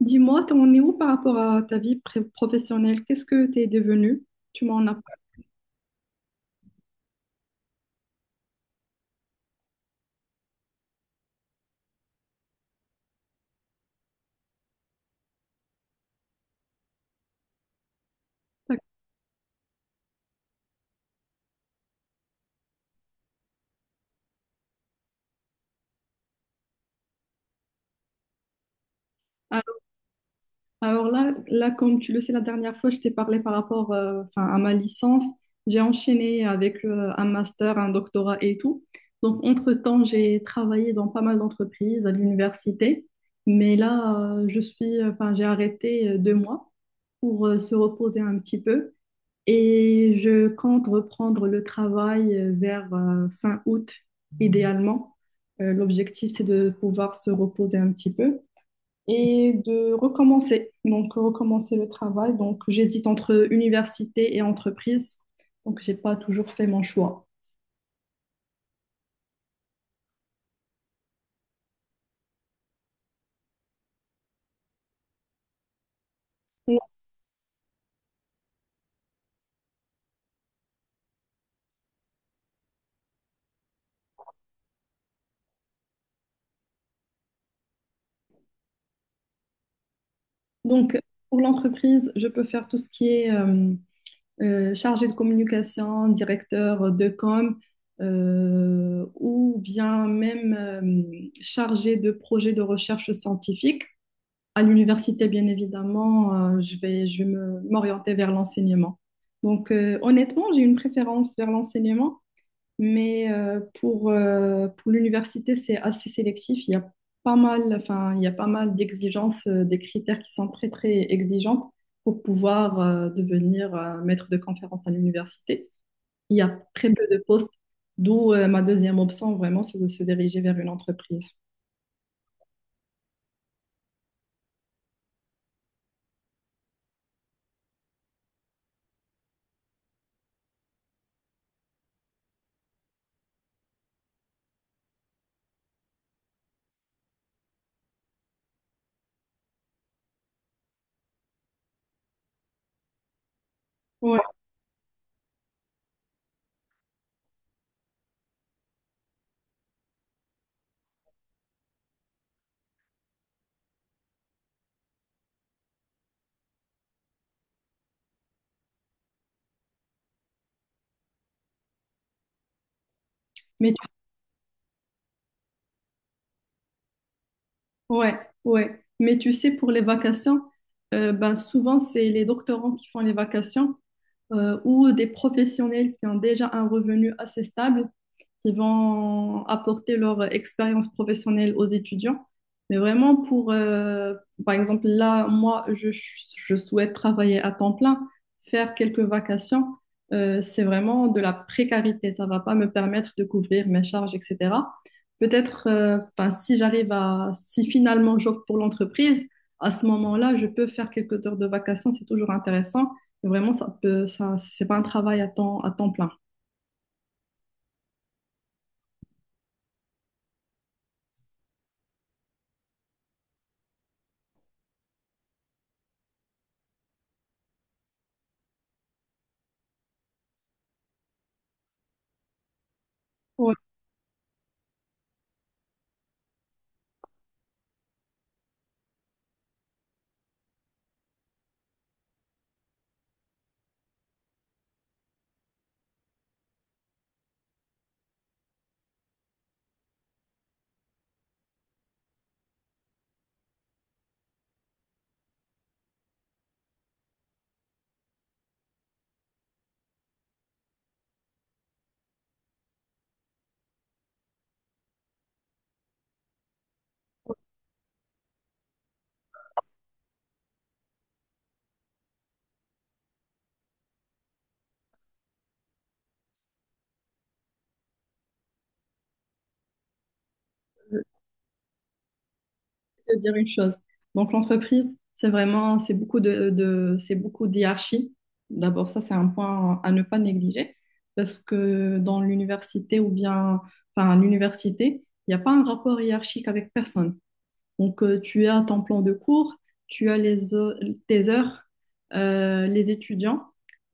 Dis-moi, t'en es où par rapport à ta vie pré- professionnelle? Qu'est-ce que t'es devenu? Tu m'en as pas. Alors, alors là, comme tu le sais, la dernière fois, je t'ai parlé par rapport enfin, à ma licence. J'ai enchaîné avec un master, un doctorat et tout. Donc, entre-temps, j'ai travaillé dans pas mal d'entreprises, à l'université. Mais là, je suis, enfin, j'ai arrêté deux mois pour se reposer un petit peu. Et je compte reprendre le travail vers fin août, idéalement. L'objectif, c'est de pouvoir se reposer un petit peu et de recommencer. Donc, recommencer le travail. Donc, j'hésite entre université et entreprise. Donc, j'ai pas toujours fait mon choix. Donc, pour l'entreprise, je peux faire tout ce qui est chargé de communication, directeur de com, ou bien même chargé de projet de recherche scientifique. À l'université, bien évidemment, je vais m'orienter vers l'enseignement. Donc, honnêtement, j'ai une préférence vers l'enseignement mais pour pour l'université, c'est assez sélectif. Il y a pas mal, enfin, il y a pas mal d'exigences, des critères qui sont très, très exigeants pour pouvoir devenir maître de conférence à l'université. Il y a très peu de postes, d'où ma deuxième option, vraiment, c'est de se diriger vers une entreprise. Ouais, mais, ouais, ouais. Mais tu sais, pour les vacations, ben, souvent, c'est les doctorants qui font les vacations. Ou des professionnels qui ont déjà un revenu assez stable, qui vont apporter leur expérience professionnelle aux étudiants. Mais vraiment pour, par exemple, là, moi, je souhaite travailler à temps plein, faire quelques vacations. C'est vraiment de la précarité. Ça ne va pas me permettre de couvrir mes charges, etc. Peut-être, 'fin, si j'arrive à, si finalement j'opte pour l'entreprise, à ce moment-là, je peux faire quelques heures de vacations. C'est toujours intéressant. Vraiment, ça peut, ça, c'est pas un travail à temps plein. Ouais. Je vais te dire une chose. Donc, l'entreprise, c'est vraiment, c'est beaucoup d'hierarchie. D'abord, ça, c'est un point à ne pas négliger parce que dans l'université ou bien, enfin, à l'université, il n'y a pas un rapport hiérarchique avec personne. Donc, tu as ton plan de cours, tu as les tes heures, les étudiants.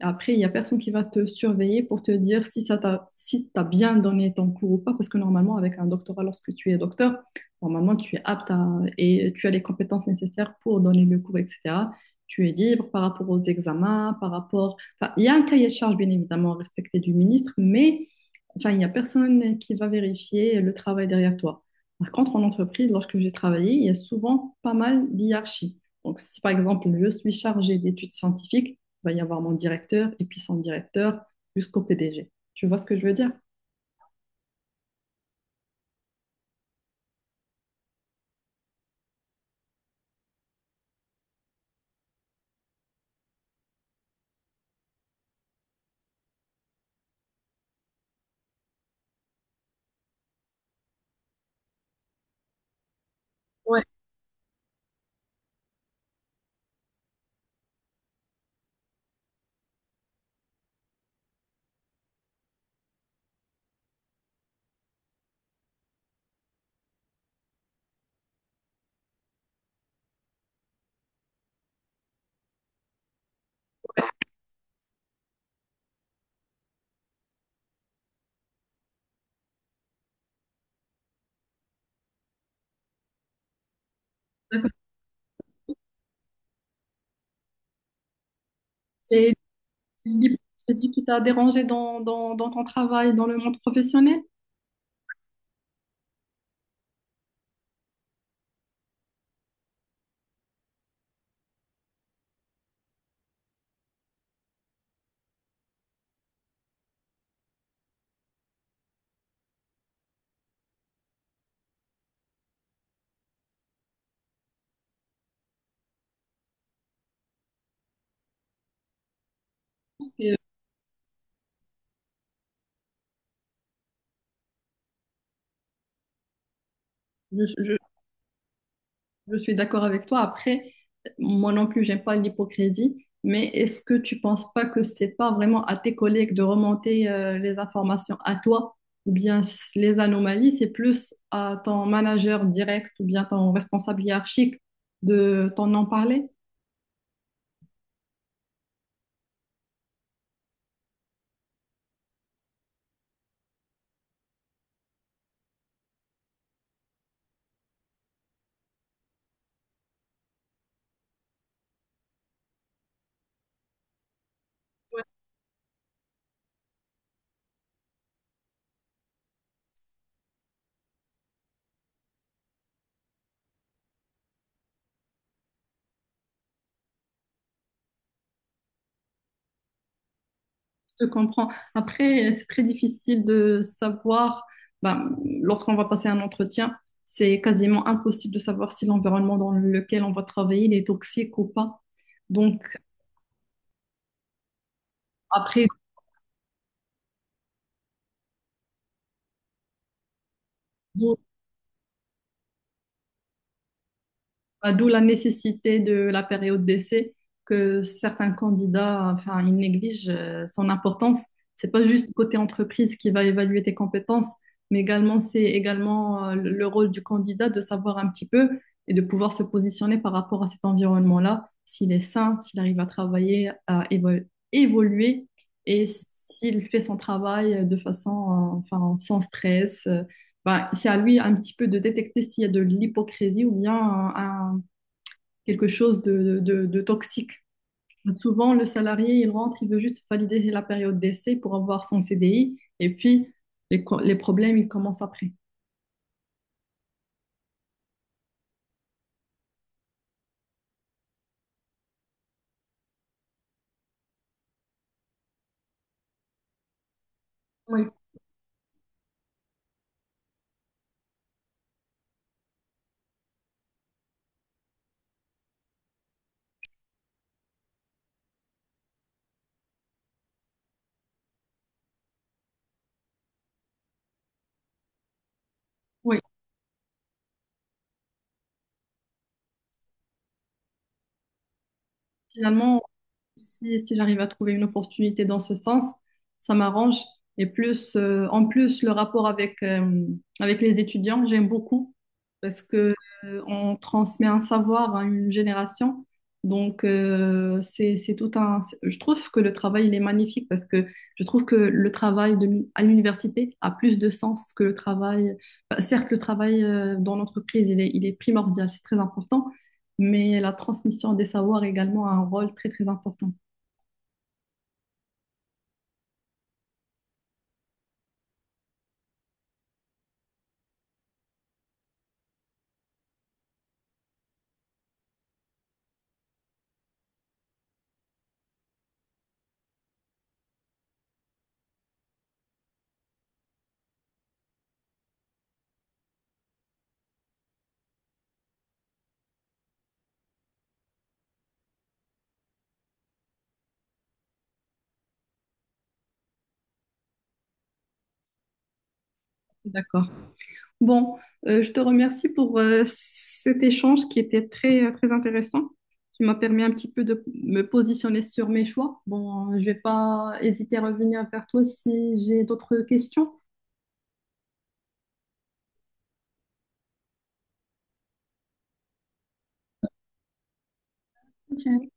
Après, il n'y a personne qui va te surveiller pour te dire si si t'as bien donné ton cours ou pas, parce que normalement, avec un doctorat, lorsque tu es docteur, normalement, tu es apte à, et tu as les compétences nécessaires pour donner le cours, etc. Tu es libre par rapport aux examens, par rapport. Enfin, il y a un cahier de charge, bien évidemment, respecté du ministre, mais enfin, il n'y a personne qui va vérifier le travail derrière toi. Par contre, en entreprise, lorsque j'ai travaillé, il y a souvent pas mal d'hierarchies. Donc, si par exemple, je suis chargée d'études scientifiques, il va y avoir mon directeur et puis son directeur jusqu'au PDG. Tu vois ce que je veux dire? Ouais, d'accord. C'est l'hypocrisie qui t'a dérangé dans ton travail, dans le monde professionnel? Parce que Je, je, je suis d'accord avec toi. Après, moi non plus, j'aime pas l'hypocrisie, mais est-ce que tu penses pas que c'est pas vraiment à tes collègues de remonter les informations à toi ou bien les anomalies, c'est plus à ton manager direct ou bien ton responsable hiérarchique de t'en en parler? Je te comprends. Après, c'est très difficile de savoir, ben, lorsqu'on va passer un entretien, c'est quasiment impossible de savoir si l'environnement dans lequel on va travailler il est toxique ou pas. Donc, Après, d'où bah, d'où la nécessité de la période d'essai que certains candidats, enfin, ils négligent son importance. C'est pas juste côté entreprise qui va évaluer tes compétences, mais également c'est également le rôle du candidat de savoir un petit peu et de pouvoir se positionner par rapport à cet environnement-là, s'il est sain, s'il arrive à travailler, évoluer et s'il fait son travail de façon, enfin, sans stress. Bah, c'est à lui un petit peu de détecter s'il y a de l'hypocrisie ou bien un- quelque chose de toxique. Souvent, le salarié, il rentre, il veut juste valider la période d'essai pour avoir son CDI et puis les problèmes, ils commencent après. Oui, oui. Finalement, si j'arrive à trouver une opportunité dans ce sens, ça m'arrange. Et plus, en plus, le rapport avec, avec les étudiants, j'aime beaucoup parce que on transmet un savoir à une génération. Donc, c'est tout un. Je trouve que le travail, il est magnifique parce que je trouve que le travail à l'université a plus de sens que le travail. Enfin, certes, le travail dans l'entreprise, il est primordial, c'est très important, mais la transmission des savoirs également a un rôle très, très important. D'accord. Bon, je te remercie pour cet échange qui était très, très intéressant, qui m'a permis un petit peu de me positionner sur mes choix. Bon, je vais pas hésiter à revenir vers toi si j'ai d'autres questions. Ok.